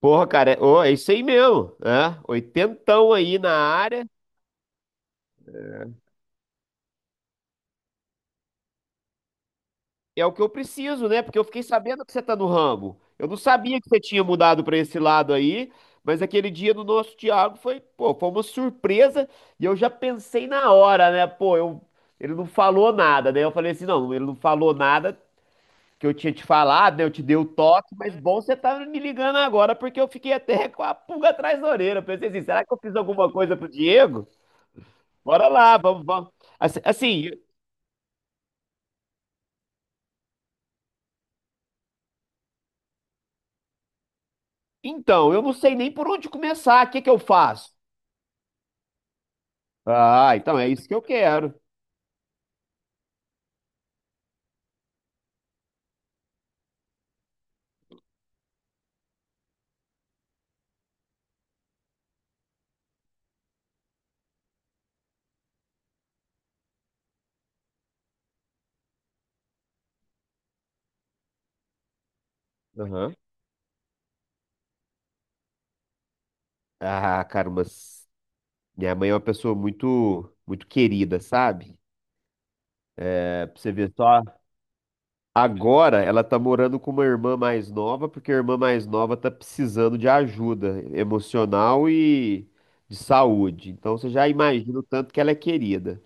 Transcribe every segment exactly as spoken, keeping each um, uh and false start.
Porra, cara, é, ô, é isso aí mesmo, né? Oitentão aí na área. É o que eu preciso, né? Porque eu fiquei sabendo que você tá no ramo. Eu não sabia que você tinha mudado pra esse lado aí, mas aquele dia do nosso Thiago foi, pô, foi uma surpresa e eu já pensei na hora, né? Pô, eu, ele não falou nada, né? Eu falei assim, não, ele não falou nada que eu tinha te falado, né? Eu te dei o toque, mas bom você tá me ligando agora porque eu fiquei até com a pulga atrás da orelha. Eu pensei assim, será que eu fiz alguma coisa pro Diego? Bora lá, vamos, vamos. Assim, assim, então, eu não sei nem por onde começar. O que que eu faço? Ah, então é isso que eu quero. Aham. Ah, cara, mas minha mãe é uma pessoa muito, muito querida, sabe? É, pra você ver só. Agora ela tá morando com uma irmã mais nova, porque a irmã mais nova tá precisando de ajuda emocional e de saúde. Então você já imagina o tanto que ela é querida.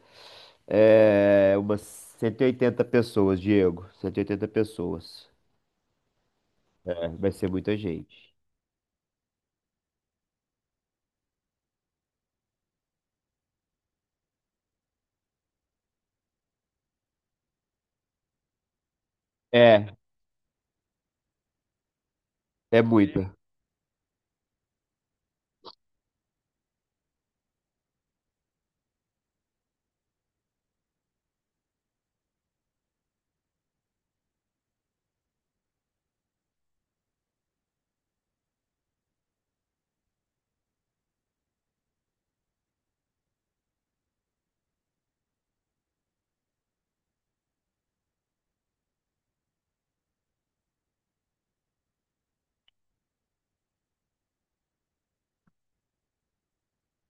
É, umas cento e oitenta pessoas, Diego. Cento e oitenta pessoas. Vai ser muita gente. É, é muita.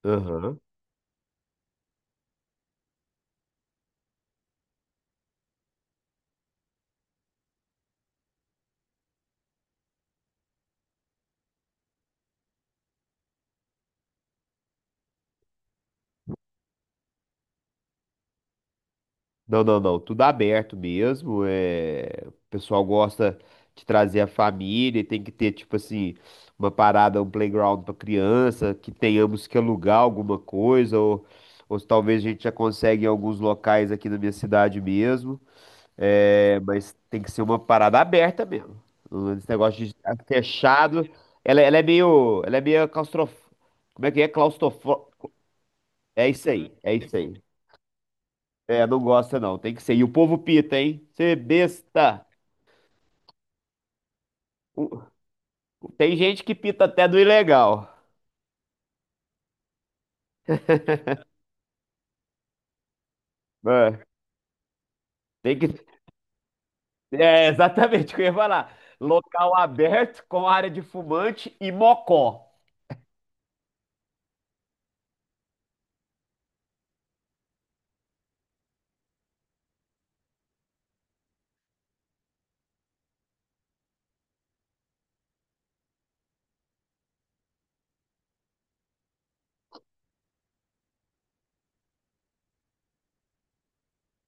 Aham. Não, não, não. Tudo aberto mesmo. É... O pessoal gosta de trazer a família e tem que ter, tipo assim, uma parada, um playground para criança, que tenhamos que alugar alguma coisa, ou, ou se talvez a gente já consegue em alguns locais aqui na minha cidade mesmo. É... Mas tem que ser uma parada aberta mesmo. Esse negócio de estar fechado. Ela, ela é meio. Ela é meio claustrof... Como é que é? Claustrofo... É isso aí, é isso aí. É, não gosta não, tem que ser. E o povo pita, hein? Você besta. O- Tem gente que pita até do ilegal. É, tem que... é exatamente o que eu ia falar. Local aberto com área de fumante e mocó.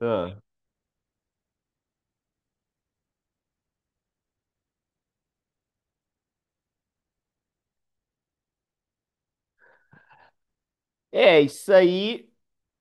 Ah. É, isso aí.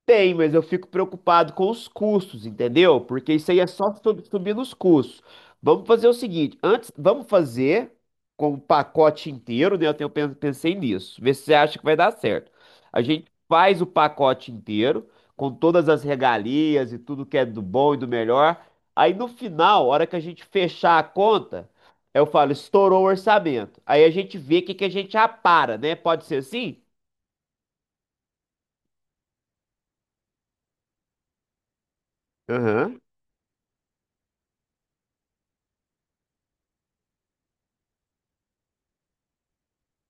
Tem, mas eu fico preocupado com os custos, entendeu? Porque isso aí é só su- subir nos custos. Vamos fazer o seguinte, antes, vamos fazer com o pacote inteiro, né? Eu tenho, pen- pensei nisso, ver se você acha que vai dar certo. A gente faz o pacote inteiro, com todas as regalias e tudo que é do bom e do melhor. Aí no final, a hora que a gente fechar a conta, eu falo, estourou o orçamento. Aí a gente vê o que que a gente apara, né? Pode ser assim?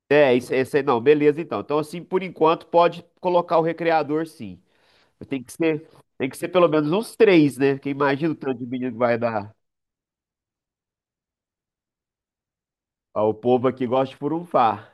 É, isso, esse aí não, beleza então. Então, assim, por enquanto, pode colocar o recreador sim. Mas Tem que ser, tem que ser pelo menos uns três, né? Porque imagina o tanto de menino que vai dar ao povo aqui gosta de furunfar.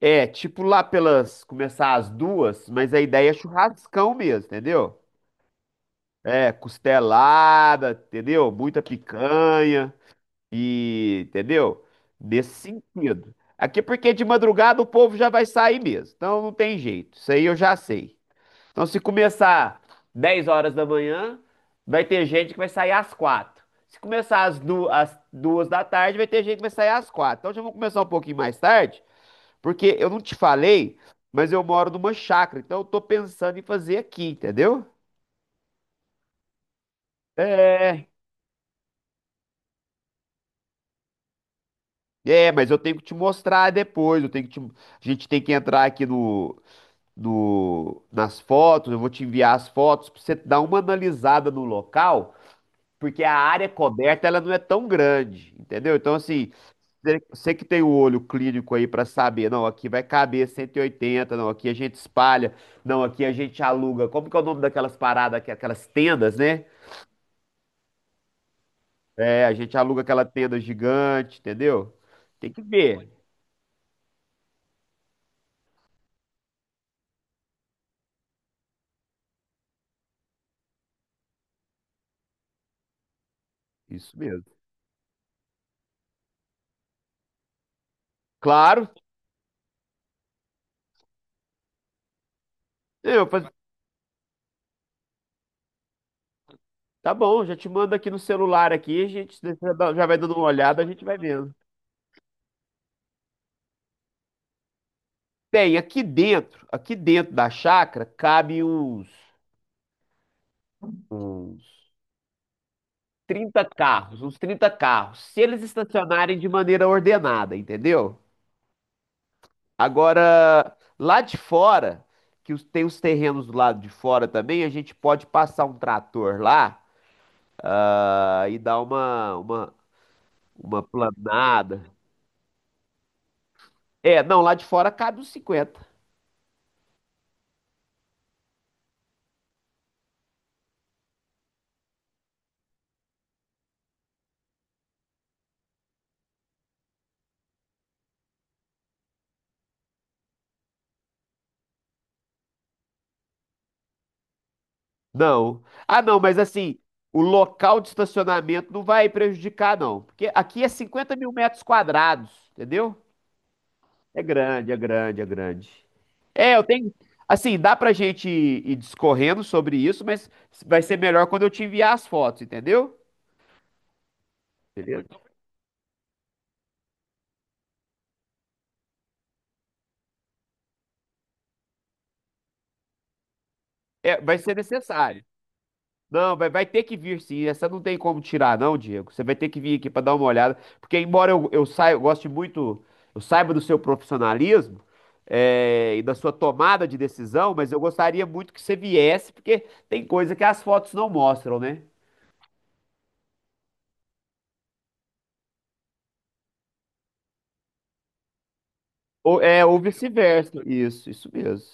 É, tipo lá pelas, começar às duas, mas a ideia é churrascão mesmo, entendeu? É, costelada, entendeu? Muita picanha e, entendeu? Nesse sentido. Aqui porque de madrugada o povo já vai sair mesmo, então não tem jeito, isso aí eu já sei. Então, se começar dez horas da manhã, vai ter gente que vai sair às quatro. Se começar às du- às duas da tarde, vai ter gente que vai sair às quatro. Então, já vou começar um pouquinho mais tarde, porque eu não te falei, mas eu moro numa chácara, então eu tô pensando em fazer aqui, entendeu? É, é, mas eu tenho que te mostrar depois. Eu tenho que te- a gente tem que entrar aqui no, no, nas fotos. Eu vou te enviar as fotos para você dar uma analisada no local porque a área coberta ela não é tão grande, entendeu? Então, assim, você que tem o olho clínico aí para saber, não, aqui vai caber cento e oitenta, não, aqui a gente espalha, não, aqui a gente aluga. Como que é o nome daquelas paradas, aqui, aquelas tendas, né? É, a gente aluga aquela tenda gigante, entendeu? Tem que ver. Isso mesmo. Claro. É, Eu, faz- tá bom, já te mando aqui no celular aqui, a gente já dá- já vai dando uma olhada, a gente vai vendo. Tem, aqui dentro, aqui dentro da chácara, cabe uns. uns trinta carros, uns trinta carros, se eles estacionarem de maneira ordenada, entendeu? Agora, lá de fora, que os- tem os terrenos do lado de fora também, a gente pode passar um trator lá, ah, e dar uma, uma, uma planada. É, não, lá de fora cabe uns cinquenta. Não. Ah, não, mas assim, o local de estacionamento não vai prejudicar, não. Porque aqui é cinquenta mil metros quadrados, entendeu? É grande, é grande, é grande. É, eu tenho. Assim, dá pra gente ir ir discorrendo sobre isso, mas vai ser melhor quando eu te enviar as fotos, entendeu? Beleza. É, vai ser necessário. Não, vai, vai ter que vir sim. Essa não tem como tirar, não, Diego. Você vai ter que vir aqui pra dar uma olhada. Porque, embora eu, eu saia, eu goste muito, eu saiba do seu profissionalismo, é, e da sua tomada de decisão, mas eu gostaria muito que você viesse, porque tem coisa que as fotos não mostram, né? Ou, é, ou vice-versa. Isso, isso mesmo.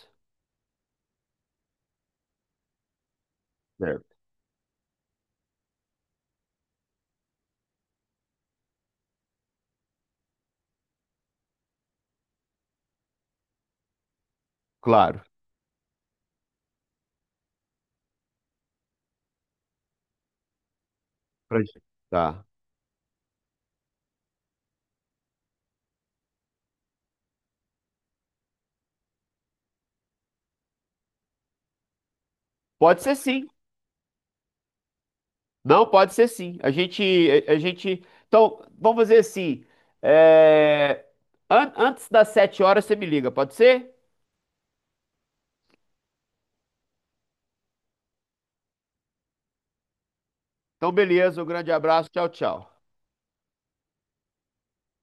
Certo. Claro. Pra gente. Tá. Pode ser sim. Não, pode ser sim. A gente, a, a gente. Então, vamos fazer assim. é, an- antes das sete horas, você me liga, pode ser? Então, beleza. Um grande abraço. Tchau, tchau.